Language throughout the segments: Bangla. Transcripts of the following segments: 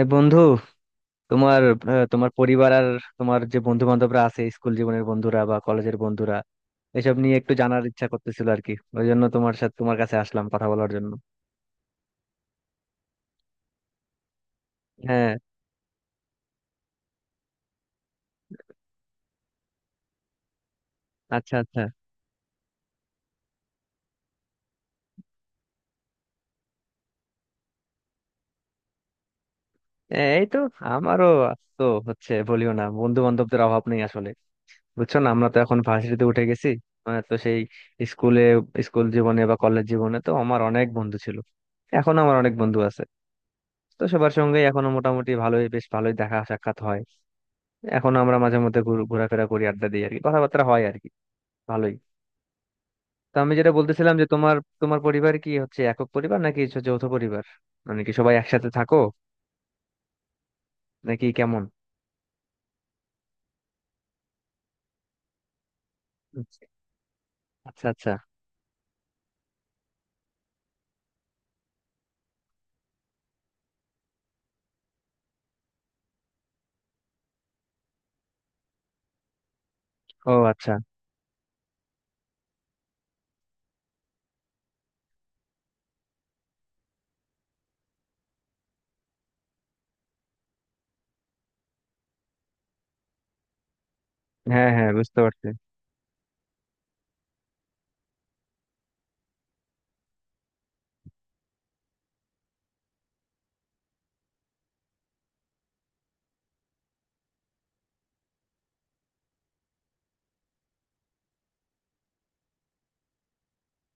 এ বন্ধু, তোমার তোমার পরিবার আর তোমার যে বন্ধু বান্ধবরা আছে স্কুল জীবনের বন্ধুরা বা কলেজের বন্ধুরা এসব নিয়ে একটু জানার ইচ্ছা করতেছিল আর কি। ওই জন্য তোমার সাথে তোমার কাছে আসলাম কথা বলার জন্য। হ্যাঁ। আচ্ছা আচ্ছা। এই তো, আমারও তো হচ্ছে। বলিও না, বন্ধু বান্ধবদের অভাব নেই আসলে। বুঝছো না, আমরা তো এখন ভার্সিটিতে উঠে গেছি। মানে তো সেই স্কুলে, স্কুল জীবনে বা কলেজ জীবনে তো আমার অনেক বন্ধু ছিল, এখন আমার অনেক বন্ধু আছে। তো সবার সঙ্গে এখনো মোটামুটি ভালোই, বেশ ভালোই দেখা সাক্ষাৎ হয়। এখন আমরা মাঝে মধ্যে ঘোরাফেরা করি, আড্ডা দিই আর কি, কথাবার্তা হয় আর কি। ভালোই। তো আমি যেটা বলতেছিলাম যে তোমার তোমার পরিবার কি হচ্ছে একক পরিবার নাকি হচ্ছে যৌথ পরিবার? মানে কি সবাই একসাথে থাকো নাকি কেমন? আচ্ছা আচ্ছা। ও আচ্ছা। হ্যাঁ হ্যাঁ, বুঝতে পারছি।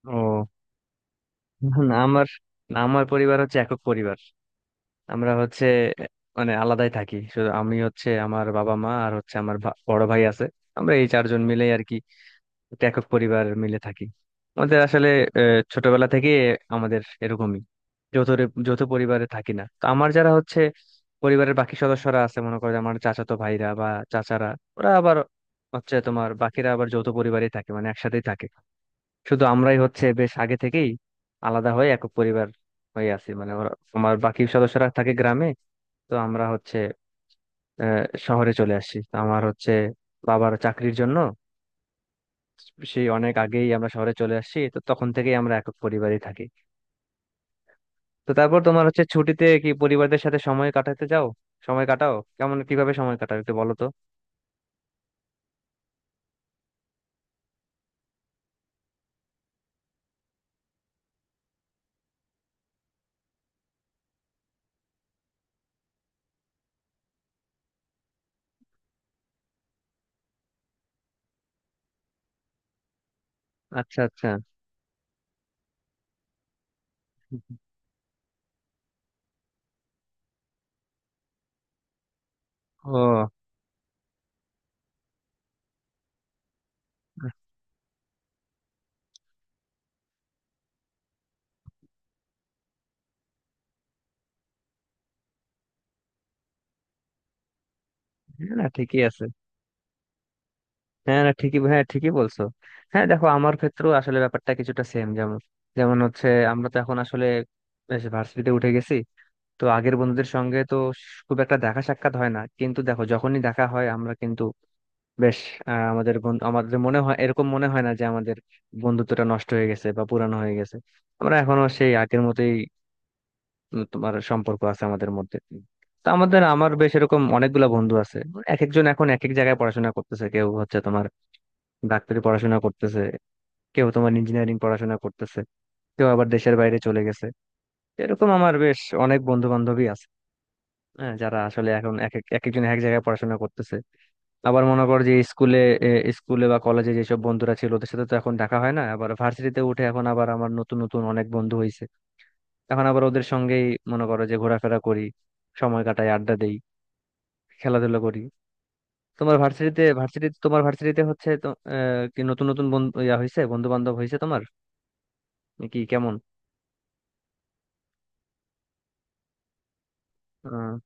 ও। না আমার না, আমার পরিবার হচ্ছে একক পরিবার। আমরা হচ্ছে মানে আলাদাই থাকি। শুধু আমি হচ্ছে, আমার বাবা মা আর হচ্ছে আমার বড় ভাই আছে। আমরা এই চারজন মিলে আর কি একটা একক পরিবার মিলে থাকি। আমাদের আসলে ছোটবেলা থেকে আমাদের এরকমই। যৌথ পরিবারে থাকি না তো। আমার যারা হচ্ছে পরিবারের বাকি সদস্যরা আছে, মনে করো যে আমার চাচাতো ভাইরা বা চাচারা, ওরা আবার হচ্ছে তোমার বাকিরা আবার যৌথ পরিবারেই থাকে, মানে একসাথেই থাকে। শুধু আমরাই হচ্ছে বেশ আগে থেকেই আলাদা হয়ে একক পরিবার হয়ে আছি। মানে ওরা, আমার বাকি সদস্যরা থাকে গ্রামে। তো আমরা হচ্ছে শহরে চলে আসি তো। আমার হচ্ছে বাবার চাকরির জন্য সেই অনেক আগেই আমরা শহরে চলে আসছি, তো তখন থেকেই আমরা একক পরিবারই থাকি। তো তারপর তোমার হচ্ছে ছুটিতে কি পরিবারদের সাথে সময় কাটাতে যাও? সময় কাটাও কেমন, কিভাবে সময় কাটাও একটু বলো তো। আচ্ছা আচ্ছা। ও। হ্যাঁ না, ঠিকই আছে। হ্যাঁ না ঠিকই, হ্যাঁ ঠিকই বলছো। হ্যাঁ দেখো, আমার ক্ষেত্রেও আসলে ব্যাপারটা কিছুটা সেম। যেমন যেমন হচ্ছে, আমরা তো এখন আসলে বেশ ভার্সিটিতে উঠে গেছি। তো আগের বন্ধুদের সঙ্গে তো খুব একটা দেখা সাক্ষাৎ হয় না, কিন্তু দেখো যখনই দেখা হয় আমরা কিন্তু বেশ আমাদের মনে হয়, এরকম মনে হয় না যে আমাদের বন্ধুত্বটা নষ্ট হয়ে গেছে বা পুরানো হয়ে গেছে। আমরা এখনো সেই আগের মতোই তোমার সম্পর্ক আছে আমাদের মধ্যে। তো আমাদের, আমার বেশ এরকম অনেকগুলা বন্ধু আছে। এক একজন এখন এক এক জায়গায় পড়াশোনা করতেছে। কেউ হচ্ছে তোমার ডাক্তারি পড়াশোনা করতেছে, কেউ তোমার ইঞ্জিনিয়ারিং পড়াশোনা করতেছে, কেউ আবার দেশের বাইরে চলে গেছে। এরকম আমার বেশ অনেক বন্ধু বান্ধবী আছে, হ্যাঁ, যারা আসলে এখন এক এক এক একজন এক এক জায়গায় পড়াশোনা করতেছে। আবার মনে কর যে স্কুলে, এ, স্কুলে বা কলেজে যেসব বন্ধুরা ছিল ওদের সাথে তো এখন দেখা হয় না। আবার ভার্সিটিতে উঠে এখন আবার আমার নতুন নতুন অনেক বন্ধু হয়েছে, এখন আবার ওদের সঙ্গেই মনে করো যে ঘোরাফেরা করি, সময় কাটাই, আড্ডা দেই, খেলাধুলা করি। তোমার ভার্সিটিতে হচ্ছে তো কি নতুন নতুন বন্ধু ইয়া হয়েছে, বন্ধু বান্ধব হয়েছে তোমার কি কেমন? আহ,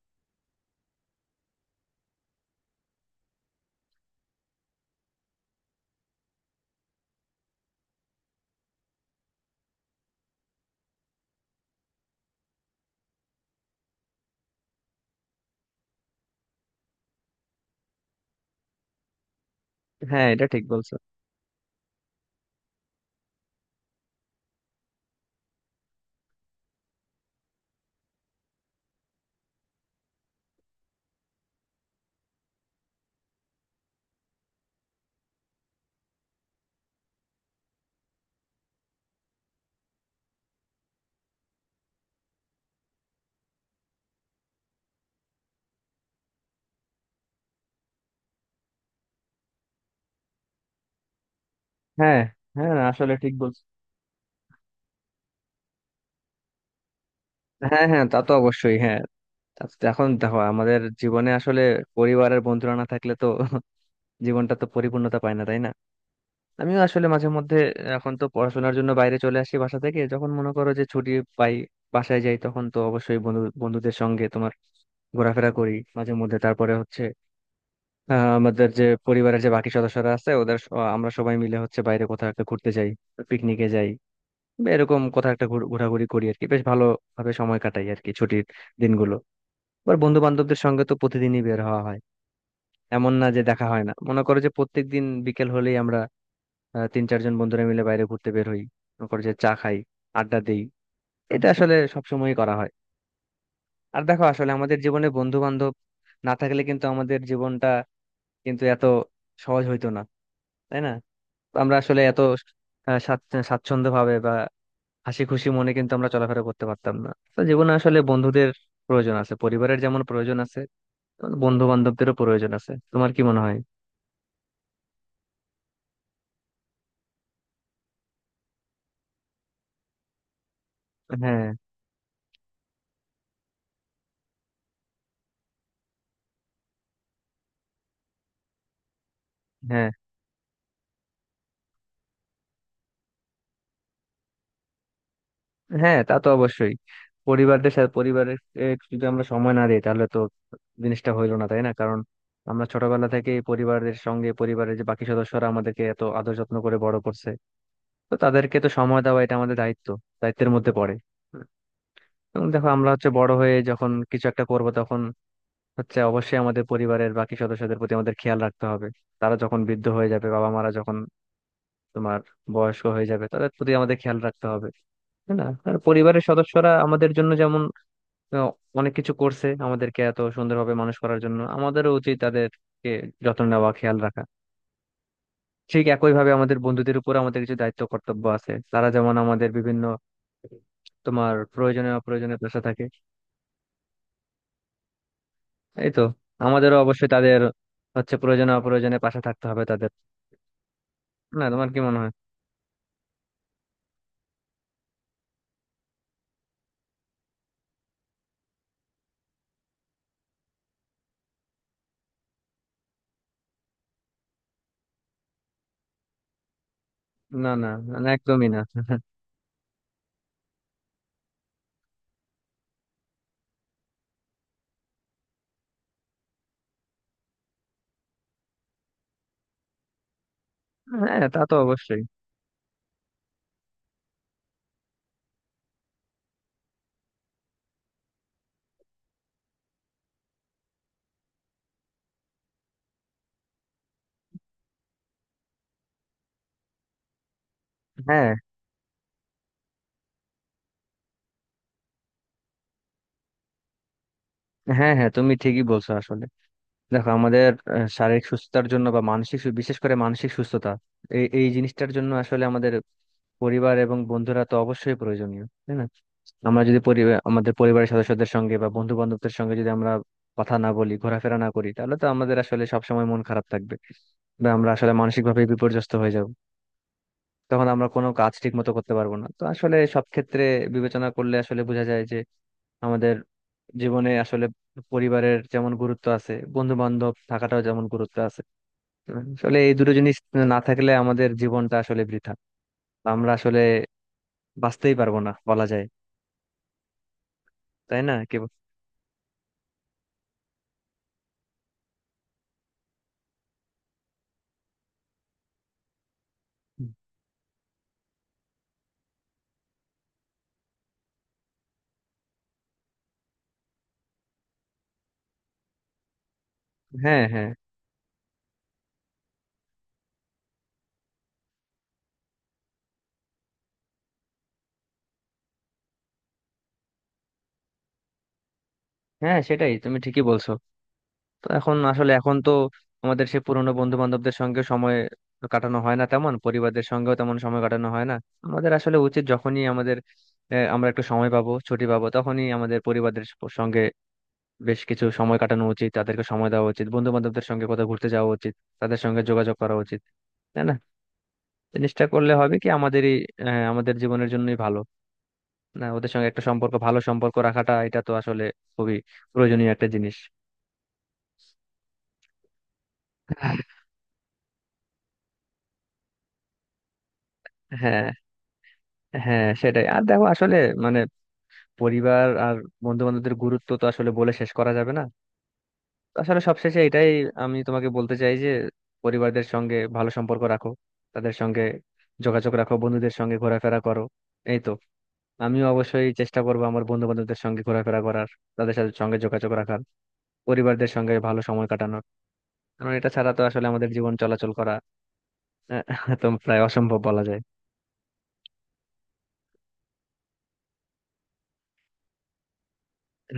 হ্যাঁ, এটা ঠিক বলছো। হ্যাঁ হ্যাঁ, আসলে ঠিক বলছো। হ্যাঁ হ্যাঁ তা তো অবশ্যই, হ্যাঁ। এখন দেখো আমাদের জীবনে আসলে পরিবারের বন্ধুরা না থাকলে তো জীবনটা তো পরিপূর্ণতা পায় না, তাই না? আমিও আসলে মাঝে মধ্যে, এখন তো পড়াশোনার জন্য বাইরে চলে আসি বাসা থেকে। যখন মনে করো যে ছুটি পাই, বাসায় যাই, তখন তো অবশ্যই বন্ধুদের সঙ্গে তোমার ঘোরাফেরা করি মাঝে মধ্যে। তারপরে হচ্ছে আমাদের যে পরিবারের যে বাকি সদস্যরা আছে ওদের আমরা সবাই মিলে হচ্ছে বাইরে কোথাও একটা ঘুরতে যাই, পিকনিকে যাই, বা এরকম কোথাও একটা ঘোরাঘুরি করি আর কি। বেশ ভালো ভাবে সময় কাটাই আর কি ছুটির দিনগুলো। আবার বন্ধু বান্ধবদের সঙ্গে তো প্রতিদিনই বের হওয়া হয়, এমন না যে দেখা হয় না। মনে করো যে প্রত্যেকদিন বিকেল হলেই আমরা তিন চারজন বন্ধুরা মিলে বাইরে ঘুরতে বের হই, মনে করো যে চা খাই, আড্ডা দেই, এটা আসলে সবসময়ই করা হয়। আর দেখো আসলে আমাদের জীবনে বন্ধু বান্ধব না থাকলে কিন্তু আমাদের জীবনটা কিন্তু এত সহজ হইতো না, তাই না? আমরা আসলে এত স্বাচ্ছন্দ্য ভাবে বা হাসি খুশি মনে কিন্তু আমরা চলাফেরা করতে পারতাম না। তো জীবনে আসলে বন্ধুদের প্রয়োজন আছে, পরিবারের যেমন প্রয়োজন আছে বন্ধু বান্ধবদেরও প্রয়োজন আছে। তোমার কি মনে হয়? হ্যাঁ। হ্যাঁ হ্যাঁ তা তো অবশ্যই। পরিবারদের সাথে, পরিবারের যদি আমরা সময় না দিই তাহলে তো জিনিসটা হইলো না, তাই না? কারণ আমরা ছোটবেলা থেকে পরিবারের সঙ্গে, পরিবারের যে বাকি সদস্যরা আমাদেরকে এত আদর যত্ন করে বড় করছে, তো তাদেরকে তো সময় দেওয়া এটা আমাদের দায়িত্ব, দায়িত্বের মধ্যে পড়ে। এবং দেখো আমরা হচ্ছে বড় হয়ে যখন কিছু একটা করব, তখন হচ্ছে অবশ্যই আমাদের পরিবারের বাকি সদস্যদের প্রতি আমাদের খেয়াল রাখতে হবে। তারা যখন বৃদ্ধ হয়ে যাবে, বাবা মারা যখন তোমার বয়স্ক হয়ে যাবে, তাদের প্রতি আমাদের খেয়াল রাখতে হবে, তাই না? আর পরিবারের সদস্যরা আমাদের জন্য যেমন তো অনেক কিছু করছে, আমাদেরকে এত সুন্দরভাবে মানুষ করার জন্য, আমাদেরও উচিত তাদেরকে যত্ন নেওয়া, খেয়াল রাখা। ঠিক একইভাবে আমাদের বন্ধুদের উপর আমাদের কিছু দায়িত্ব কর্তব্য আছে। তারা যেমন আমাদের বিভিন্ন তোমার প্রয়োজনে অপ্রয়োজনে পাশে থাকে, এই তো, আমাদেরও অবশ্যই তাদের হচ্ছে প্রয়োজনে অপ্রয়োজনে পাশে থাকতে হবে। তাদের না, তোমার কি মনে হয়? না। না, না, একদমই না হ্যাঁ তা তো অবশ্যই। হ্যাঁ হ্যাঁ, হ্যাঁ তুমি ঠিকই বলছো আসলে। দেখো আমাদের শারীরিক সুস্থতার জন্য বা মানসিক বিশেষ করে মানসিক সুস্থতা, এই এই জিনিসটার জন্য আসলে আমাদের পরিবার এবং বন্ধুরা তো অবশ্যই প্রয়োজনীয়, তাই না? আমরা যদি পরিবার, আমাদের পরিবারের সদস্যদের সঙ্গে বা বন্ধু বান্ধবদের সঙ্গে যদি আমরা কথা না বলি, ঘোরাফেরা না করি, তাহলে তো আমাদের আসলে সবসময় মন খারাপ থাকবে, বা আমরা আসলে মানসিক ভাবে বিপর্যস্ত হয়ে যাব। তখন আমরা কোনো কাজ ঠিক মতো করতে পারবো না। তো আসলে সব ক্ষেত্রে বিবেচনা করলে আসলে বোঝা যায় যে আমাদের জীবনে আসলে পরিবারের যেমন গুরুত্ব আছে, বন্ধু বান্ধব থাকাটাও যেমন গুরুত্ব আছে। আসলে এই দুটো জিনিস না থাকলে আমাদের জীবনটা আসলে বৃথা, আমরা আসলে বাঁচতেই পারবো না বলা যায়। তাই না, কি হ্যাঁ। হ্যাঁ হ্যাঁ সেটাই, তুমি ঠিকই বলছো। তো এখন আসলে এখন তো আমাদের সে পুরোনো বন্ধু বান্ধবদের সঙ্গে সময় কাটানো হয় না তেমন, পরিবারদের সঙ্গেও তেমন সময় কাটানো হয় না। আমাদের আসলে উচিত যখনই আমাদের আমরা একটু সময় পাবো, ছুটি পাবো, তখনই আমাদের পরিবারদের সঙ্গে বেশ কিছু সময় কাটানো উচিত, তাদেরকে সময় দেওয়া উচিত, বন্ধু বান্ধবদের সঙ্গে কোথাও ঘুরতে যাওয়া উচিত, তাদের সঙ্গে যোগাযোগ করা উচিত, তাই না? জিনিসটা করলে হবে কি, আমাদেরই আমাদের জীবনের জন্যই ভালো। না, ওদের সঙ্গে একটা সম্পর্ক, ভালো সম্পর্ক রাখাটা এটা তো আসলে খুবই প্রয়োজনীয় একটা জিনিস। হ্যাঁ হ্যাঁ সেটাই। আর দেখো আসলে মানে পরিবার আর বন্ধু বান্ধবদের গুরুত্ব তো আসলে বলে শেষ করা যাবে না। আসলে সবশেষে এটাই আমি তোমাকে বলতে চাই যে পরিবারদের সঙ্গে ভালো সম্পর্ক রাখো, তাদের সঙ্গে যোগাযোগ রাখো, বন্ধুদের সঙ্গে ঘোরাফেরা করো, এই তো। আমিও অবশ্যই চেষ্টা করবো আমার বন্ধু বান্ধবদের সঙ্গে ঘোরাফেরা করার, তাদের সাথে, সঙ্গে যোগাযোগ রাখার, পরিবারদের সঙ্গে ভালো সময় কাটানোর। কারণ এটা ছাড়া তো আসলে আমাদের জীবন চলাচল করা তো প্রায় অসম্ভব বলা যায়।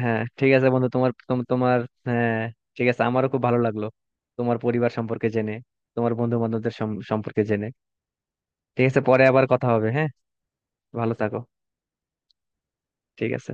হ্যাঁ ঠিক আছে বন্ধু, তোমার তোমার। হ্যাঁ। ঠিক আছে, আমারও খুব ভালো লাগলো তোমার পরিবার সম্পর্কে জেনে, তোমার বন্ধু বান্ধবদের সম্পর্কে জেনে। ঠিক আছে, পরে আবার কথা হবে, হ্যাঁ। ভালো থাকো। ঠিক আছে।